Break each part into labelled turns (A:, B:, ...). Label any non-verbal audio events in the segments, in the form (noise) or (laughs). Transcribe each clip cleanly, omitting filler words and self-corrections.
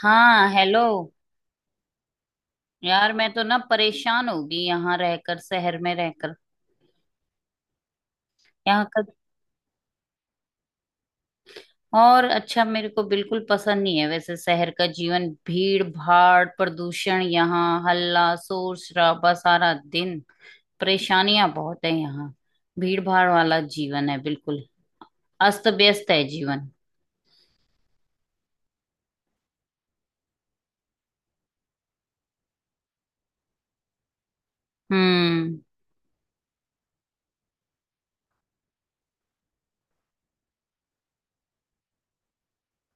A: हाँ, हेलो। यार मैं तो ना परेशान हो गई यहाँ रहकर, शहर में रहकर। यहाँ का। और अच्छा, मेरे को बिल्कुल पसंद नहीं है वैसे शहर का जीवन, भीड़ भाड़, प्रदूषण, यहाँ हल्ला शोर शराबा सारा दिन। परेशानियां बहुत है यहाँ। भीड़ भाड़ वाला जीवन है बिल्कुल। अस्त व्यस्त है जीवन। हम्म।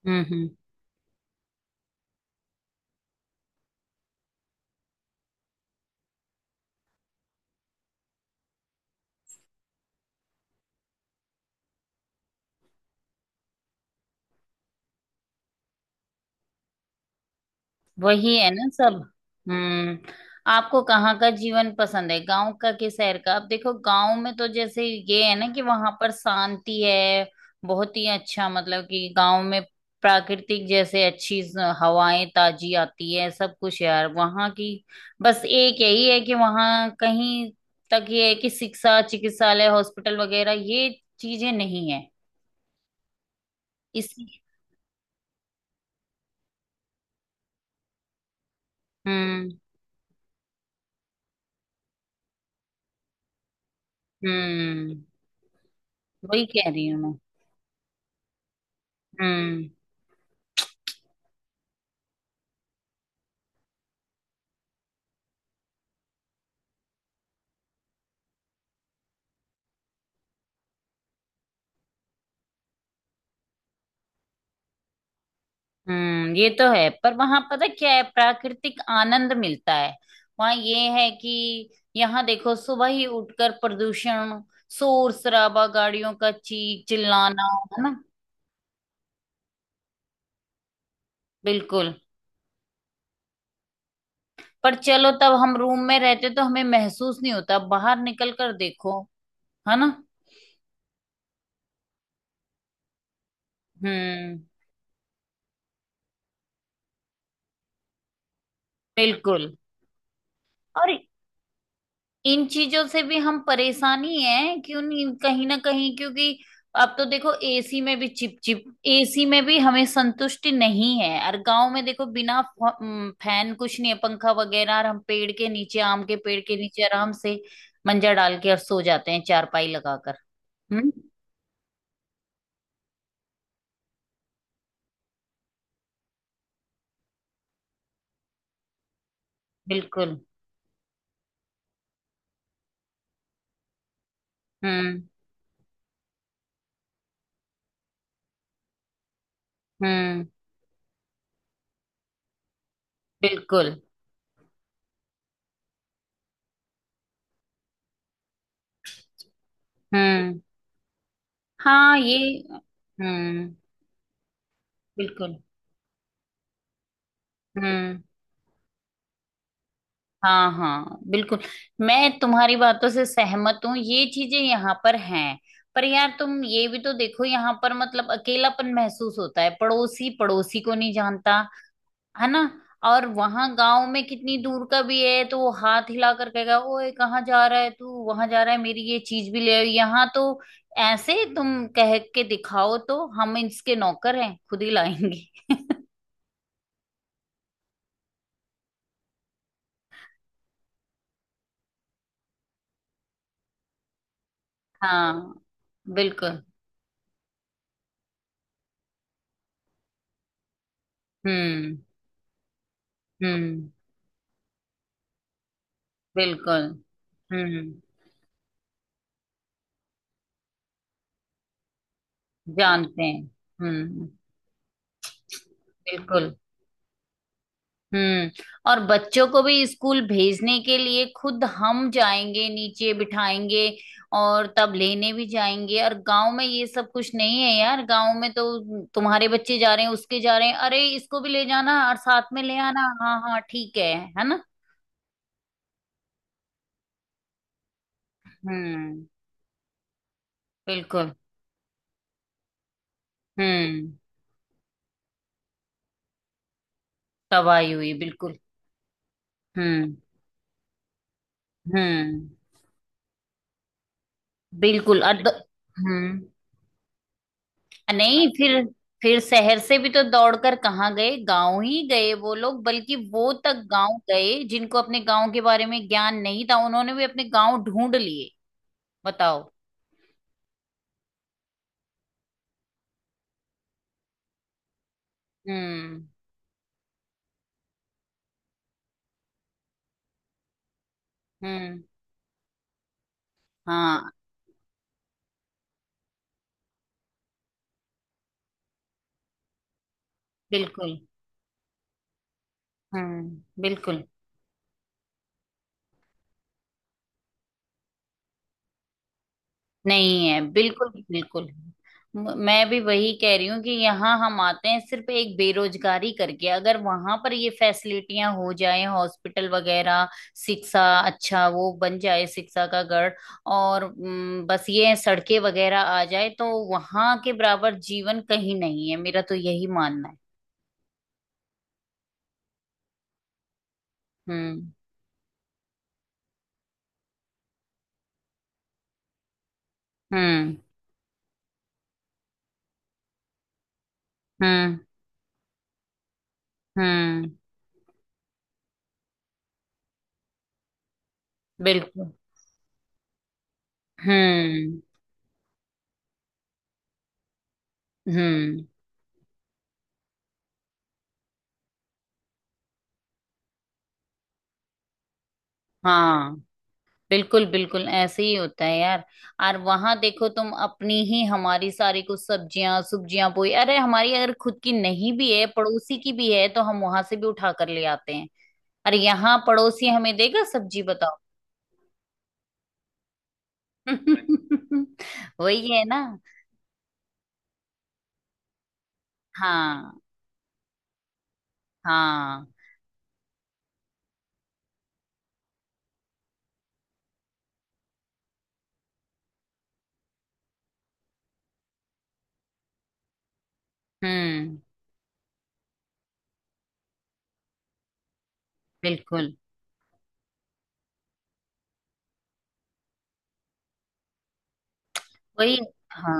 A: हम्म। हम्म। वही है ना सब। हम्म। आपको कहाँ का जीवन पसंद है, गांव का कि शहर का? आप देखो गांव में तो जैसे ये है ना कि वहां पर शांति है। बहुत ही अच्छा मतलब कि गांव में। प्राकृतिक जैसे अच्छी हवाएं ताजी आती है सब कुछ यार वहां की। बस एक यही है कि वहां कहीं तक ये है कि शिक्षा, चिकित्सालय, हॉस्पिटल वगैरह ये चीजें नहीं है। इसी हम्म। हम्म। वही कह रही हूँ मैं। हम्म। हम्म। ये तो है, पर वहां पता क्या है, प्राकृतिक आनंद मिलता है। वहां ये है कि यहाँ देखो सुबह ही उठकर प्रदूषण, शोर शराबा, गाड़ियों का चीख चिल्लाना। है ना। बिल्कुल। पर चलो, तब हम रूम में रहते तो हमें महसूस नहीं होता, बाहर निकल कर देखो। है ना। हम्म। बिल्कुल। और इन चीजों से भी हम परेशान ही हैं, क्यों नहीं, कहीं ना कहीं, क्योंकि अब तो देखो एसी में भी चिप चिप, एसी में भी हमें संतुष्टि नहीं है। और गांव में देखो बिना फैन कुछ नहीं है, पंखा वगैरह, और हम पेड़ के नीचे, आम के पेड़ के नीचे आराम से मंजा डाल के और सो जाते हैं चारपाई लगाकर। हम्म। बिल्कुल। हम्म। हम्म। बिल्कुल। हम्म। हाँ ये। हम्म। बिल्कुल। हम्म। हाँ हाँ बिल्कुल। मैं तुम्हारी बातों से सहमत हूँ, ये चीजें यहाँ पर हैं। पर यार तुम ये भी तो देखो, यहाँ पर मतलब अकेलापन महसूस होता है, पड़ोसी पड़ोसी को नहीं जानता। है ना। और वहां गांव में कितनी दूर का भी है तो वो हाथ हिला कर कहेगा, ओए कहाँ जा रहा है तू, वहां जा रहा है मेरी ये चीज भी ले आओ। यहाँ तो ऐसे तुम कह के दिखाओ, तो हम इसके नौकर हैं, खुद ही लाएंगे। हाँ बिल्कुल। हम्म। हम्म। बिल्कुल। हम्म। जानते हैं। हम्म। बिल्कुल। हम्म। और बच्चों को भी स्कूल भेजने के लिए खुद हम जाएंगे, नीचे बिठाएंगे, और तब लेने भी जाएंगे। और गांव में ये सब कुछ नहीं है यार, गांव में तो तुम्हारे बच्चे जा रहे हैं, उसके जा रहे हैं, अरे इसको भी ले जाना और साथ में ले आना, हाँ हाँ ठीक है ना। हम्म। बिल्कुल। हम्म। तबाही हुई बिल्कुल। हम्म। हम्म। बिल्कुल हम्म। नहीं फिर। फिर शहर से भी तो दौड़कर कहाँ गए, गांव ही गए वो लोग। बल्कि वो तक गांव गए जिनको अपने गांव के बारे में ज्ञान नहीं था, उन्होंने भी अपने गांव ढूंढ लिए। बताओ। हम्म। हम्म। हाँ। बिल्कुल। हम्म। बिल्कुल। नहीं है बिल्कुल बिल्कुल। मैं भी वही कह रही हूँ कि यहाँ हम आते हैं सिर्फ एक बेरोजगारी करके, अगर वहां पर ये फैसिलिटियां हो जाए, हॉस्पिटल वगैरह, शिक्षा, अच्छा वो बन जाए शिक्षा का गढ़, और बस ये सड़कें वगैरह आ जाए, तो वहां के बराबर जीवन कहीं नहीं है, मेरा तो यही मानना है। हम्म। हम्म। हम्म। हम्म। बिल्कुल। हम्म। हम्म। हाँ बिल्कुल बिल्कुल ऐसे ही होता है यार। और वहां देखो तुम अपनी ही, हमारी सारी कुछ सब्जियां सब्जियां बोई, अरे हमारी अगर खुद की नहीं भी है, पड़ोसी की भी है, तो हम वहां से भी उठा कर ले आते हैं। अरे यहाँ पड़ोसी हमें देगा सब्जी, बताओ। (laughs) वही है ना। हाँ हाँ। हम्म। बिल्कुल। वही। हाँ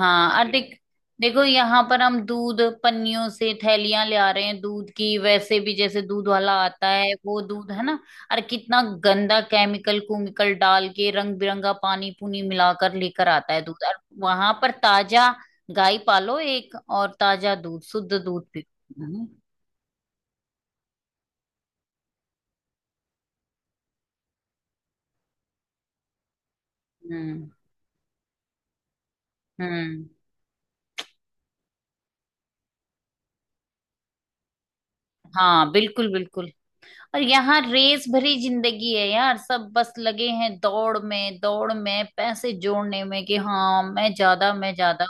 A: हाँ और देख। देखो यहाँ पर हम दूध पन्नियों से थैलियां ले आ रहे हैं, दूध की, वैसे भी जैसे दूध वाला आता है वो दूध है ना, और कितना गंदा केमिकल कुमिकल डाल के, रंग बिरंगा पानी पुनी मिलाकर लेकर आता है दूध। और वहां पर ताजा, गाय पालो एक, और ताजा दूध, शुद्ध दूध पी। हम्म। हम्म। हम्म। हाँ बिल्कुल बिल्कुल। और यहाँ रेस भरी जिंदगी है यार, सब बस लगे हैं दौड़ में, दौड़ में पैसे जोड़ने में कि हाँ मैं ज्यादा, मैं ज्यादा।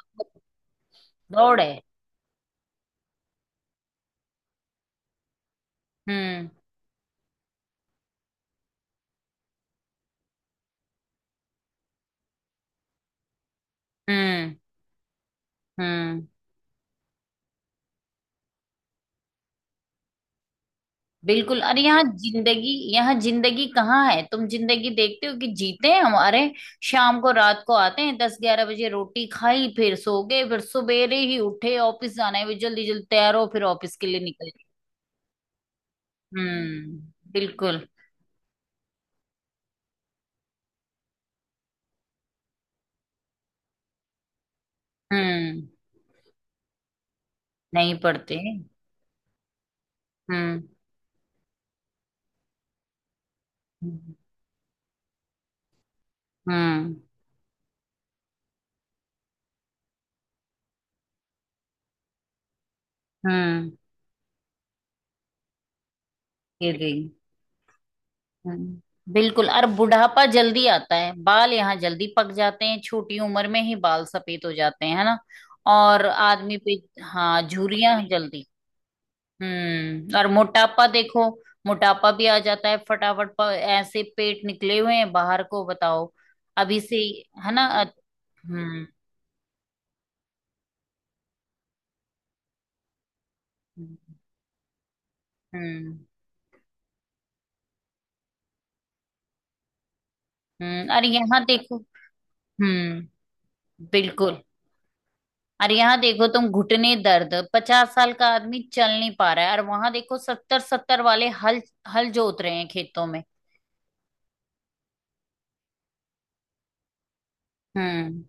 A: दौड़ है। हम्म। हम्म। हम्म। बिल्कुल। अरे यहाँ जिंदगी, यहाँ जिंदगी कहाँ है, तुम जिंदगी देखते हो कि जीते हैं हमारे, शाम को रात को आते हैं 10-11 बजे, रोटी खाई, फिर सो गए, फिर सवेरे ही उठे, ऑफिस जाना है भी, जल्दी जल्दी तैयार हो फिर ऑफिस के लिए निकल गए। हम्म। बिल्कुल। हम्म। नहीं पढ़ते। हम्म। हम्म। हम्म। ये देख। हम्म, बिल्कुल। और बुढ़ापा जल्दी आता है, बाल यहाँ जल्दी पक जाते हैं, छोटी उम्र में ही बाल सफेद हो जाते हैं, है ना। और आदमी पे। हाँ, झुर्रियां जल्दी। हम्म। और मोटापा देखो, मोटापा भी आ जाता है फटाफट, ऐसे पेट निकले हुए हैं बाहर को, बताओ। अभी से ही, है ना। हम्म। हम्म। हम्म। और यहाँ देखो। हम्म। बिल्कुल। और यहाँ देखो तुम, घुटने दर्द, 50 साल का आदमी चल नहीं पा रहा है, और वहां देखो सत्तर सत्तर वाले हल, हल जोत रहे हैं खेतों में। हम्म।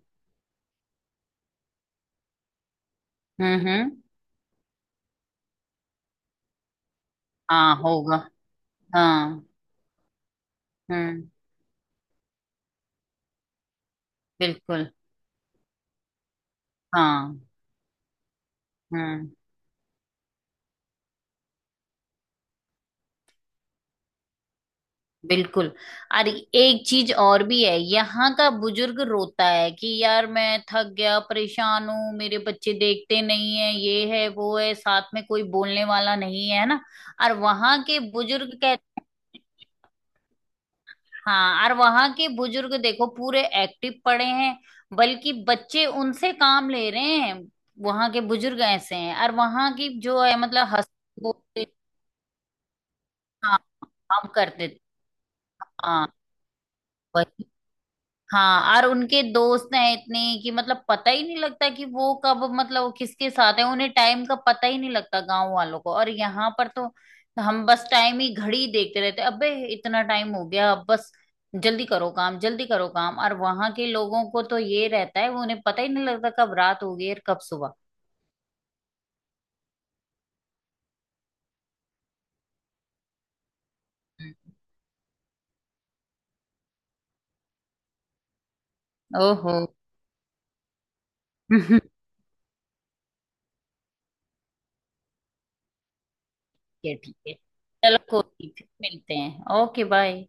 A: हम्म। हम्म। हाँ होगा। हाँ। हम्म। बिल्कुल। हाँ। हम्म। बिल्कुल। और एक चीज और भी है, यहाँ का बुजुर्ग रोता है कि यार मैं थक गया, परेशान हूँ, मेरे बच्चे देखते नहीं है, ये है वो है, साथ में कोई बोलने वाला नहीं है, ना। और वहां के बुजुर्ग। हाँ, और वहां के बुजुर्ग देखो पूरे एक्टिव पड़े हैं, बल्कि बच्चे उनसे काम ले रहे हैं। वहां के बुजुर्ग ऐसे हैं, और वहां की जो है मतलब हंसते बोलते। हाँ, हम करते। हाँ। वही। हाँ, और उनके दोस्त हैं इतने कि मतलब पता ही नहीं लगता कि वो कब, मतलब वो किसके साथ है, उन्हें टाइम का पता ही नहीं लगता गांव वालों को। और यहाँ पर तो हम बस टाइम ही घड़ी देखते रहते हैं, अबे इतना टाइम हो गया अब बस, जल्दी करो काम, जल्दी करो काम। और वहां के लोगों को तो ये रहता है, वो उन्हें पता ही नहीं लगता कब रात हो गई और कब सुबह। ओहो। (laughs) ठीक है। ठीक है चलो, कोई नहीं, फिर मिलते हैं, ओके बाय।